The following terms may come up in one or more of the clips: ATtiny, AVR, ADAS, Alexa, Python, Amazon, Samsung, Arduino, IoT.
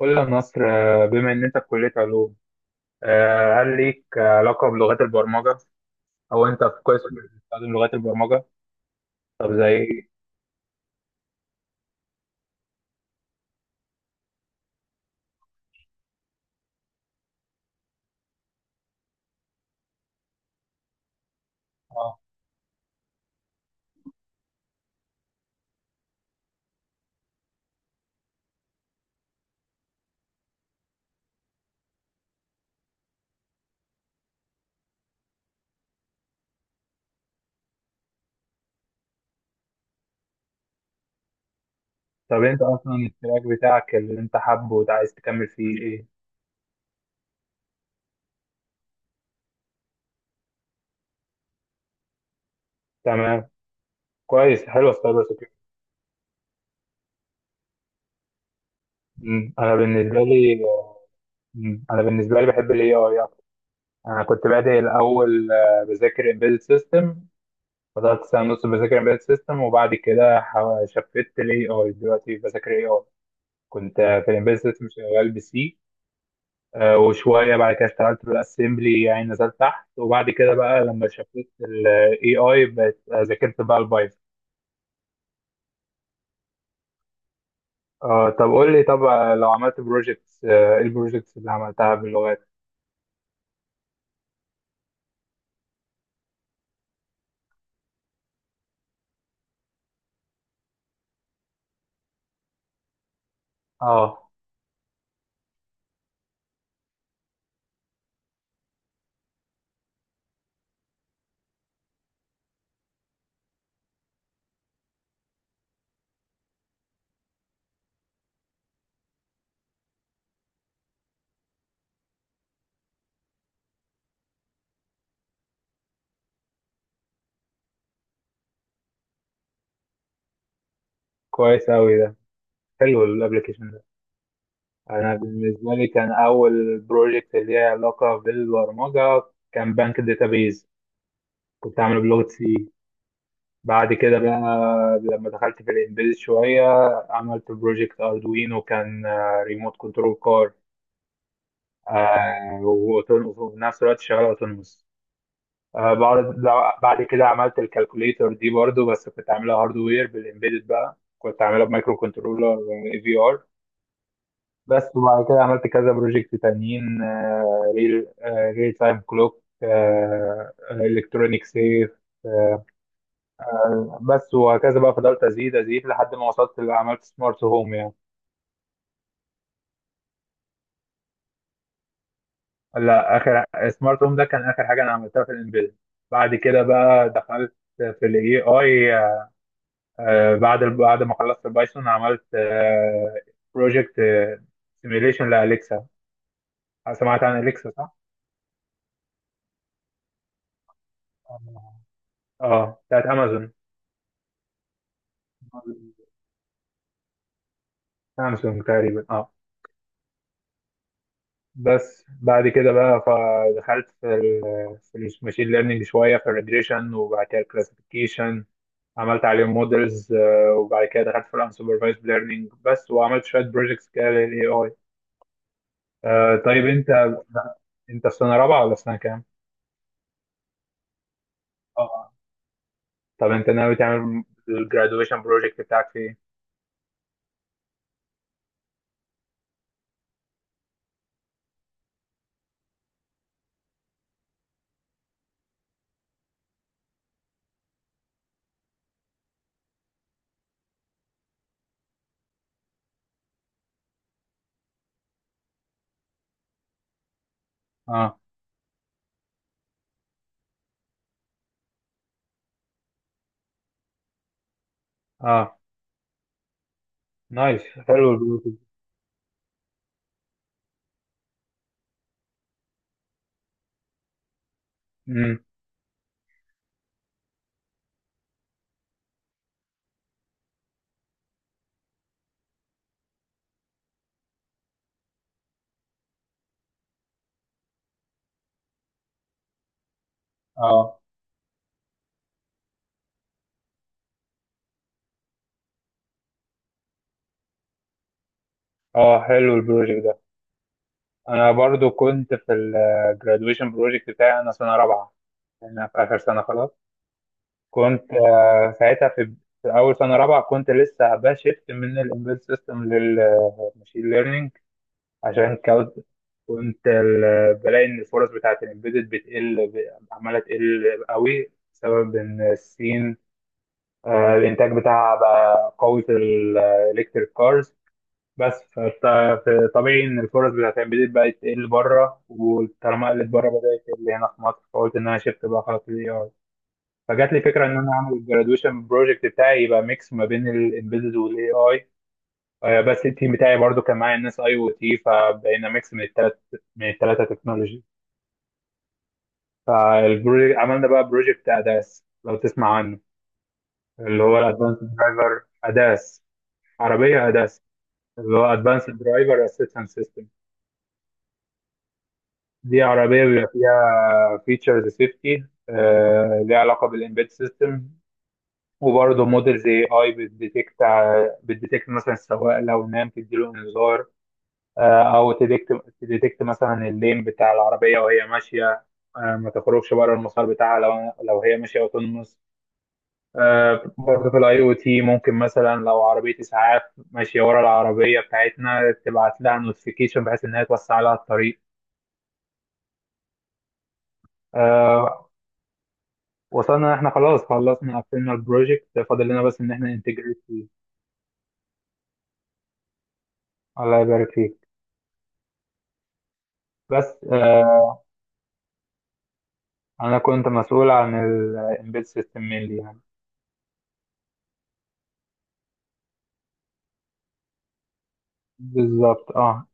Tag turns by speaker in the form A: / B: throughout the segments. A: قول لي يا نصر، بما ان انت في كليه علوم، هل ليك علاقه بلغات البرمجه؟ او انت في قسم بتستخدم لغات البرمجه؟ طب زي ايه؟ اه. طب انت اصلا التراك بتاعك اللي انت حابه وعايز تكمل فيه ايه؟ تمام. كويس، حلو السايبر سكيورتي. مم. انا بالنسبه لي انا بالنسبه لي بحب الاي اي اكتر. انا كنت بادئ الاول، بذاكر امبيدد سيستم. فضلت سنه ونص بذاكر امبيدد سيستم، وبعد كده شفت الاي اي دلوقتي بذاكر اي اي. كنت في الامبيدد سيستم شغال بسي، وشوية بعد كده اشتغلت بالاسمبلي يعني نزلت تحت. وبعد كده بقى لما شفت الاي اي بقت، ذاكرت بقى البايثون. طب قول لي، طب، لو عملت بروجكتس، ايه البروجكتس اللي عملتها باللغات؟ اه. كويس اوي ده، حلو الابلكيشن ده. انا بالنسبة لي كان اول بروجكت اللي ليها علاقة بالبرمجة كان بنك داتابيز. كنت عامله بلغة سي. بعد كده بقى لما دخلت في الامبيد شوية عملت بروجكت اردوينو، كان ريموت كنترول كار. وفي نفس الوقت شغاله اوتونوموس. بعد، بعد كده عملت الكالكوليتر دي برضو، بس كنت عاملها هاردوير، بالامبيدد بقى كنت عاملها بمايكرو كنترولر اي في ار بس. وبعد كده عملت كذا بروجكت تانيين، ريل تايم كلوك، الكترونيك سيف، آه بس. وهكذا بقى فضلت ازيد ازيد لحد ما وصلت اللي عملت سمارت هوم يعني. لا، اخر سمارت هوم ده كان اخر حاجه انا عملتها في الانفيد. بعد كده بقى دخلت في الاي اي. بعد ما خلصت البايثون عملت بروجكت سيميليشن لاليكسا. سمعت عن اليكسا صح؟ آه، اه، بتاعت امازون. سامسونج تقريبا، اه. بس بعد كده بقى فدخلت في الماشين ليرنينج شويه، في الريجريشن وبعد كده الكلاسيفيكيشن. عملت عليهم مودلز. وبعد كده دخلت في الانسوبرفايزد ليرنينج بس، وعملت شويه بروجكتس كده للاي اي. طيب انت في سنه رابعه ولا في سنه كام؟ اه. طب انت ناوي تعمل الجرادويشن بروجكت بتاعك في ايه؟ اه، اه، نايس، حلو البروجكت. امم. اه، اه، حلو البروجكت ده. انا برضو كنت في الجرادويشن بروجكت بتاعي، انا سنه رابعه، انا في اخر سنه خلاص. كنت ساعتها في اول سنه رابعه كنت لسه بشفت من الامبيد سيستم للماشين ليرنينج عشان كود. كنت ال- آه، بلاقي ان الفرص بتاعت الامبيدد بتقل، عماله تقل قوي بسبب ان الصين، الانتاج بتاعها بقى قوي في الالكتريك كارز. بس فطبيعي ان الفرص بتاعت الامبيدد بقت تقل بره، وطالما قلت بره بدات تقل هنا في مصر. فقلت ان انا شفت بقى خلاص الاي. فجات لي فكره ان انا اعمل الجرادويشن بروجكت بتاعي يبقى ميكس ما بين الامبيدد والاي اي. بس التيم بتاعي برضو كان معايا الناس اي او تي، فبقينا ميكس من الثلاثه تكنولوجي. فالبروجكت عملنا بقى بروجكت اداس، لو تسمع عنه. اللي هو الادفانس درايفر اداس. عربيه اداس. اللي هو ادفانس درايفر اسيستنس سيستم. دي عربيه بيبقى فيها فيتشرز سيفتي، ليها علاقه بالامبيد سيستم، وبرضه موديل زي اي بتديتكت مثلا السواق لو نام تديله انذار، او تديكت، تديتكت مثلا اللين بتاع العربيه وهي ماشيه، ما تخرجش بره المسار بتاعها لو هي ماشيه وتنمص. برضه في الاي او تي ممكن مثلا لو عربيه اسعاف ماشيه ورا العربيه بتاعتنا تبعت لها نوتيفيكيشن، بحيث انها توسع لها الطريق. آه، وصلنا إن احنا خلاص خلصنا قفلنا البروجكت، فاضل لنا بس ان احنا انتجريت فيه. الله يبارك فيك. بس، انا كنت مسؤول عن الامبيد سيستم مينلي يعني. بالظبط، اه.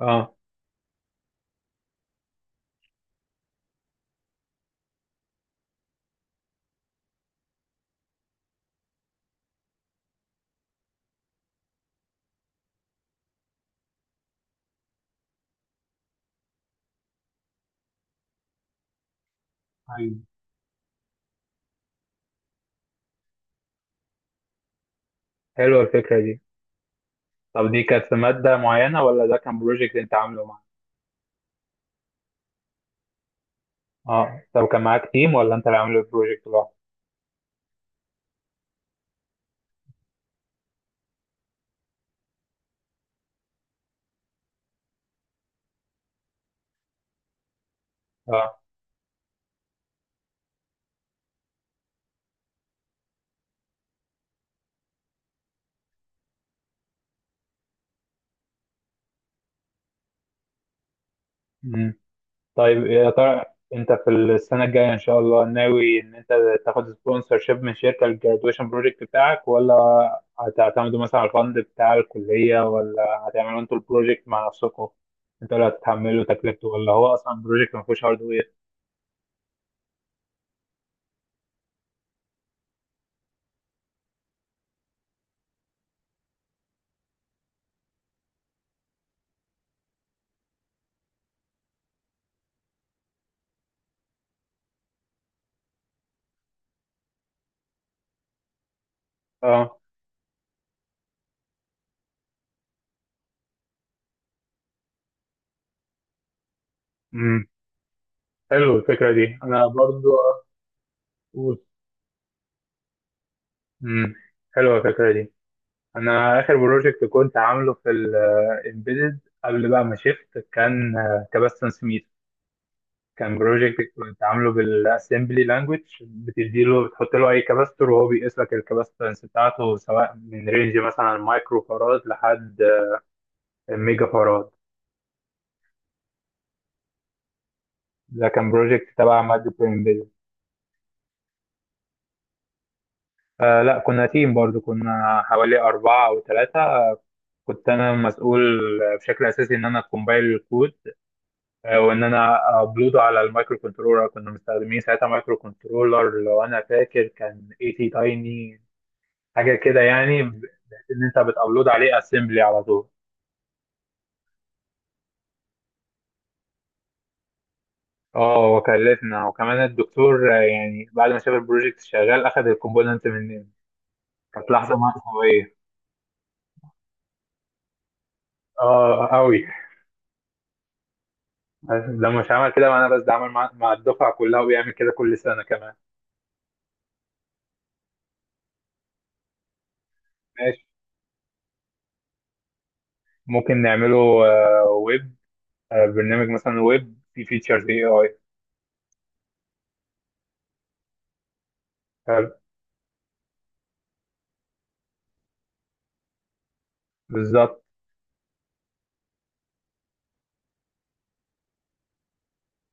A: اه، ايوه، حلوه الفكره دي. طب دي كانت في ماده معينه ولا ده كان بروجكت انت عامله معاه؟ اه. طب كان معاك تيم ولا انت اللي عامل البروجكت لوحدك؟ اه. طيب، يا ترى انت في السنة الجاية ان شاء الله ناوي ان انت تاخد سبونسر شيب من شركة الجرادويشن بروجكت بتاعك، ولا هتعتمدوا مثلا على الفند بتاع الكلية، ولا هتعملوا انتوا البروجكت مع نفسكم، انتوا اللي هتتحملوا تكلفته، ولا هو اصلا بروجكت ما فيهوش هاردوير؟ اه. امم حلو الفكرة دي، انا برضو اقول. امم حلوة الفكرة دي. انا اخر بروجكت كنت عامله في الامبيدد قبل بقى ما شفت كان كباستنس. كان بروجكت كنت عامله بالاسمبلي لانجوج، بتديله بتحط له اي كاباستور وهو بيقيس لك الكاباستنس بتاعته، سواء من رينج مثلا مايكرو فاراد لحد ميجا فاراد. ده كان بروجكت تبع مادة انفيديا. آه، لا، كنا تيم برضو، كنا حوالي أربعة أو ثلاثة. كنت أنا مسؤول بشكل أساسي إن أنا كومبايل الكود، وإن أنا أبلوده على المايكرو كنترولر. كنا مستخدمين ساعتها مايكرو كنترولر، لو أنا فاكر كان اي تي تايني. حاجه كده يعني، بحيث ان انت بتابلود عليه اسمبلي على طول. اه، وكلفنا. وكمان الدكتور، يعني بعد ما شاف البروجكت شغال اخذ الكومبوننت مننا. كانت لحظه مأساويه. اه، قوي. ده مش عمل كده مع انا بس، ده عمل مع الدفعه كلها، وبيعمل كده كل سنه كمان. ماشي. ممكن نعمله، ويب، برنامج مثلا ويب فيه فيتشرز اي اي. بالظبط.